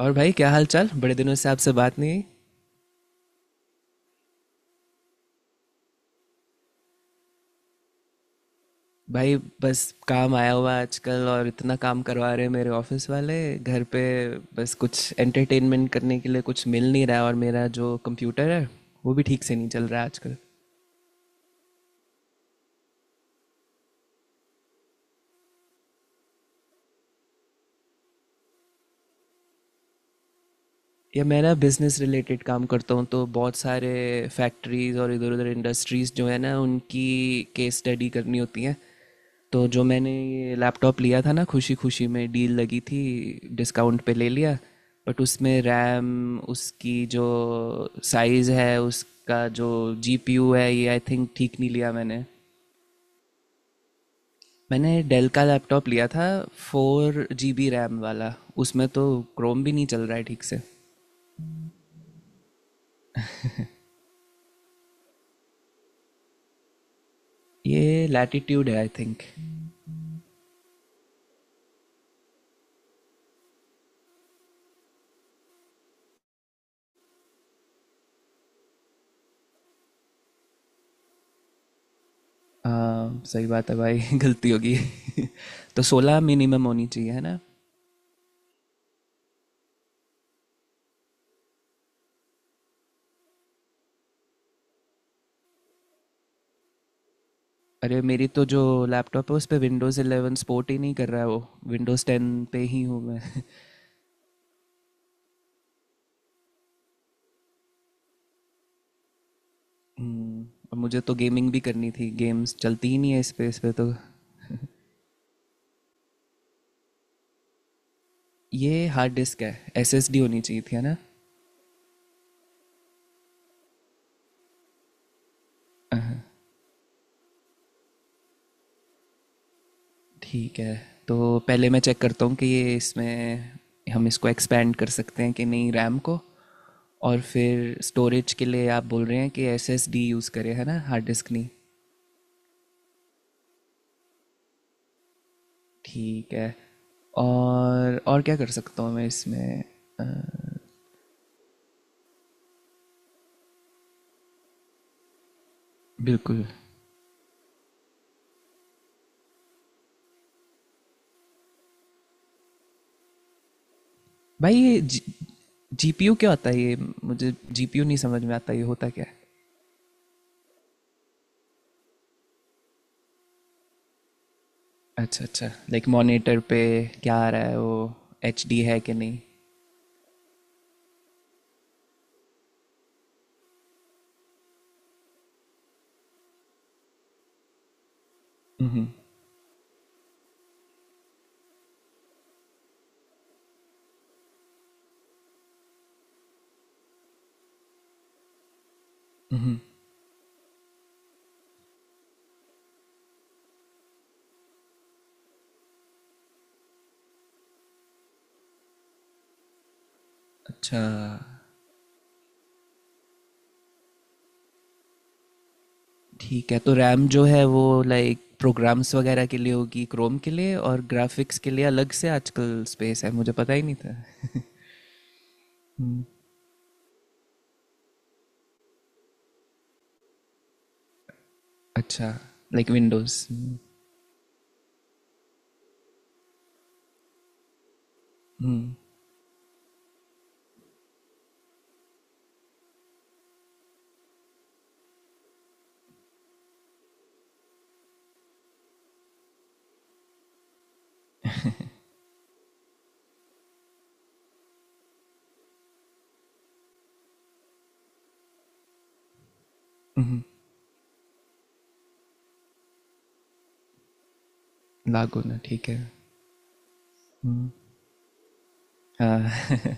और भाई, क्या हाल चाल? बड़े दिनों से आपसे बात नहीं हुई। भाई, बस काम आया हुआ है आजकल, और इतना काम करवा रहे हैं मेरे ऑफिस वाले घर पे। बस कुछ एंटरटेनमेंट करने के लिए कुछ मिल नहीं रहा है, और मेरा जो कंप्यूटर है वो भी ठीक से नहीं चल रहा है आजकल। या मैं ना, बिज़नेस रिलेटेड काम करता हूँ, तो बहुत सारे फैक्ट्रीज़ और इधर उधर इंडस्ट्रीज़ जो है ना, उनकी केस स्टडी करनी होती हैं। तो जो मैंने ये लैपटॉप लिया था ना, खुशी खुशी में डील लगी थी। डिस्काउंट पे ले लिया। बट उसमें रैम, उसकी जो साइज़ है, उसका जो जीपीयू है, ये आई थिंक ठीक नहीं लिया मैंने। मैंने डेल का लैपटॉप लिया था, 4 GB रैम वाला। उसमें तो क्रोम भी नहीं चल रहा है ठीक से। ये लैटिट्यूड है आई थिंक। सही बात है भाई, गलती होगी। तो 16 मिनिमम होनी चाहिए, है ना? अरे, मेरी तो जो लैपटॉप है उस पे विंडोज़ 11 सपोर्ट ही नहीं कर रहा है, वो विंडोज़ 10 पे ही हूँ मैं। हम्म। और मुझे तो गेमिंग भी करनी थी, गेम्स चलती ही नहीं है इस पे तो। ये हार्ड डिस्क है, एसएसडी होनी चाहिए थी, है ना? ठीक है, तो पहले मैं चेक करता हूँ कि ये इसमें, हम इसको एक्सपेंड कर सकते हैं कि नहीं, रैम को। और फिर स्टोरेज के लिए आप बोल रहे हैं कि एसएसडी यूज़ करें, है ना, हार्ड डिस्क नहीं? ठीक है। और क्या कर सकता हूँ मैं इसमें? अ, बिल्कुल। भाई, ये जीपीयू क्यों आता है ये? मुझे जीपीयू नहीं समझ में आता, ये होता क्या है? अच्छा अच्छा, लाइक मॉनिटर पे क्या आ रहा है वो? एच है कि नहीं? अच्छा, ठीक है, तो रैम जो है वो लाइक प्रोग्राम्स वगैरह के लिए होगी, क्रोम के लिए, और ग्राफिक्स के लिए अलग से आजकल स्पेस है, मुझे पता ही नहीं था। हम्म। अच्छा, लाइक विंडोज़। लागू ना, ठीक है। हाँ।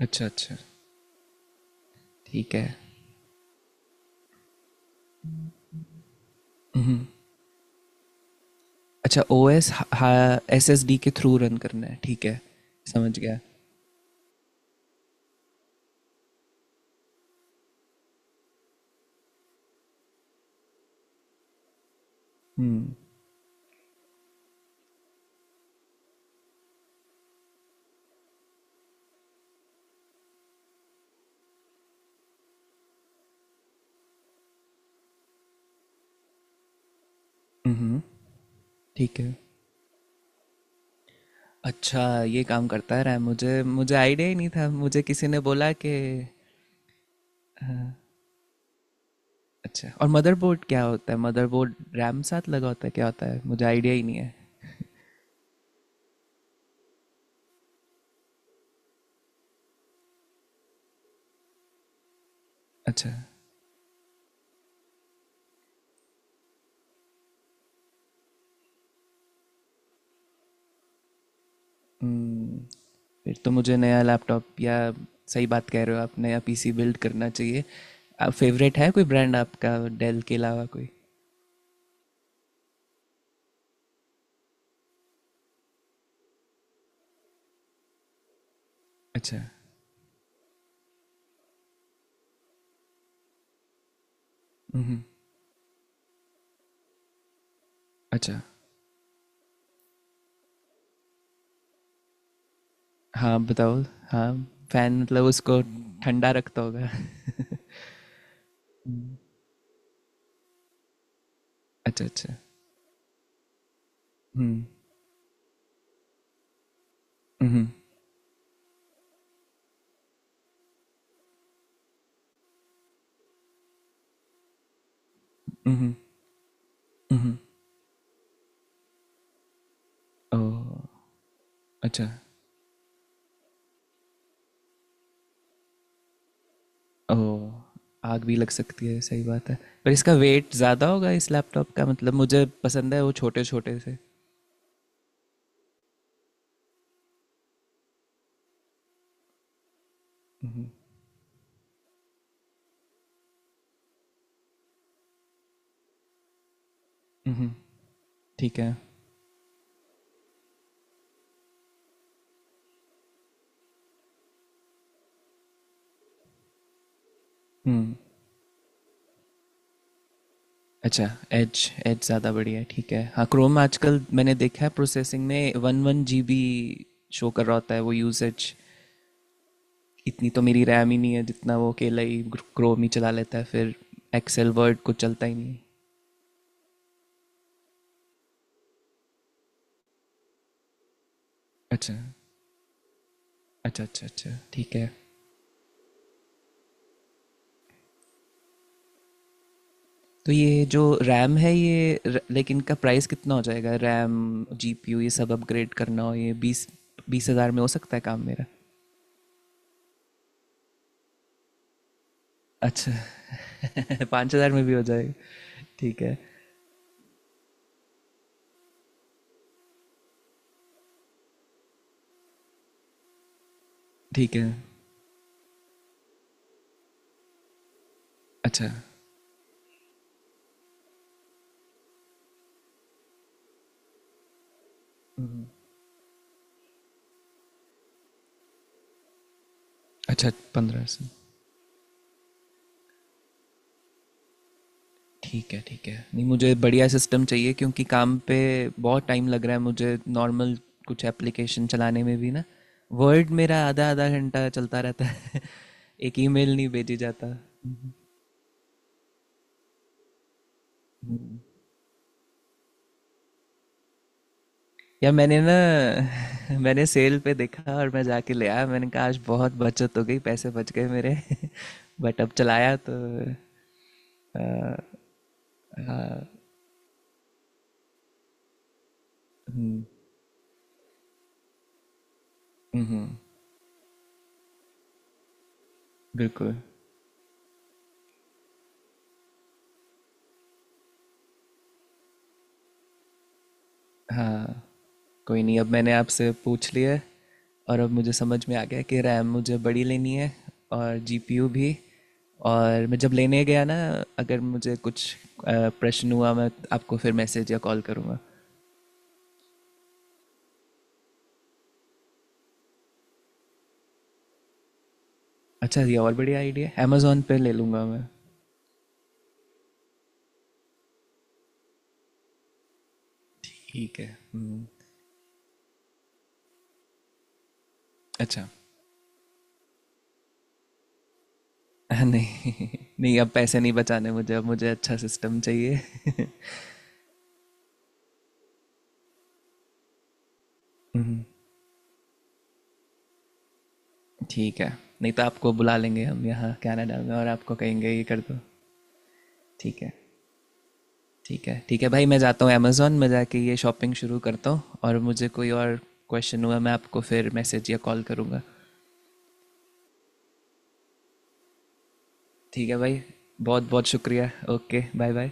अच्छा अच्छा, ठीक है। अच्छा। O S, S S D के थ्रू रन करना है, ठीक है। समझ गया। हम्म, ठीक है। अच्छा, ये काम करता है रैम, मुझे मुझे आइडिया ही नहीं था, मुझे किसी ने बोला कि। अच्छा, और मदरबोर्ड क्या होता है? मदरबोर्ड रैम साथ लगा होता है, क्या होता है? मुझे आइडिया ही नहीं है। अच्छा। हम्म। फिर तो मुझे नया लैपटॉप या, सही बात कह रहे हो आप, नया पीसी बिल्ड करना चाहिए। फेवरेट है कोई ब्रांड आपका, डेल के अलावा कोई? अच्छा अच्छा। हाँ बताओ। हाँ। फैन मतलब उसको ठंडा रखता होगा। अच्छा अच्छा। हम्म। ओ। अच्छा। ओ, आग भी लग सकती है, सही बात है। पर इसका वेट ज़्यादा होगा इस लैपटॉप का, मतलब मुझे पसंद है वो छोटे छोटे से। ठीक है। अच्छा, एज एज ज़्यादा बढ़िया है, ठीक है। हाँ, क्रोम आजकल मैंने देखा है प्रोसेसिंग में one one G B show कर रहा होता है, वो यूसेज। इतनी तो मेरी रैम ही नहीं है जितना वो अकेला ही क्रोम ही चला लेता है फिर। एक्सेल वर्ड कुछ चलता ही नहीं है। अच्छा अच्छा अच्छा अच्छा, ठीक है। तो ये जो रैम है ये लाइक इनका प्राइस कितना हो जाएगा? रैम, जीपीयू, ये सब अपग्रेड करना हो ये बीस बीस हज़ार में हो सकता है काम मेरा? अच्छा। 5,000 में भी हो जाएगा? ठीक है, ठीक है। अच्छा अच्छा। 1,500? ठीक है, ठीक है। नहीं, मुझे बढ़िया सिस्टम चाहिए क्योंकि काम पे बहुत टाइम लग रहा है मुझे, नॉर्मल कुछ एप्लीकेशन चलाने में भी ना, वर्ड मेरा आधा आधा घंटा चलता रहता है। एक ईमेल नहीं भेजी जाता। या मैंने ना, मैंने सेल पे देखा और मैं जाके ले आया। मैंने कहा आज बहुत बचत हो गई, पैसे बच गए मेरे। बट अब चलाया तो। आ, हाँ। हम्म। बिल्कुल। हाँ। कोई नहीं, अब मैंने आपसे पूछ लिया है, और अब मुझे समझ में आ गया कि रैम मुझे बड़ी लेनी है, और जीपीयू भी। और मैं जब लेने गया ना, अगर मुझे कुछ प्रश्न हुआ, मैं आपको फिर मैसेज या कॉल करूँगा। अच्छा, ये और बढ़िया आइडिया है, अमेजोन पे ले लूँगा मैं। ठीक है। हम्म। अच्छा। नहीं नहीं, अब पैसे नहीं बचाने मुझे, अब मुझे अच्छा सिस्टम चाहिए। हम्म। ठीक है, नहीं तो आपको बुला लेंगे हम यहाँ कनाडा में, और आपको कहेंगे ये कर दो। ठीक है, ठीक है। ठीक है भाई, मैं जाता हूँ अमेज़ोन में जाके ये शॉपिंग शुरू करता हूँ, और मुझे कोई और क्वेश्चन हुआ मैं आपको फिर मैसेज या कॉल करूँगा। ठीक है भाई। बहुत बहुत शुक्रिया। Okay, bye bye.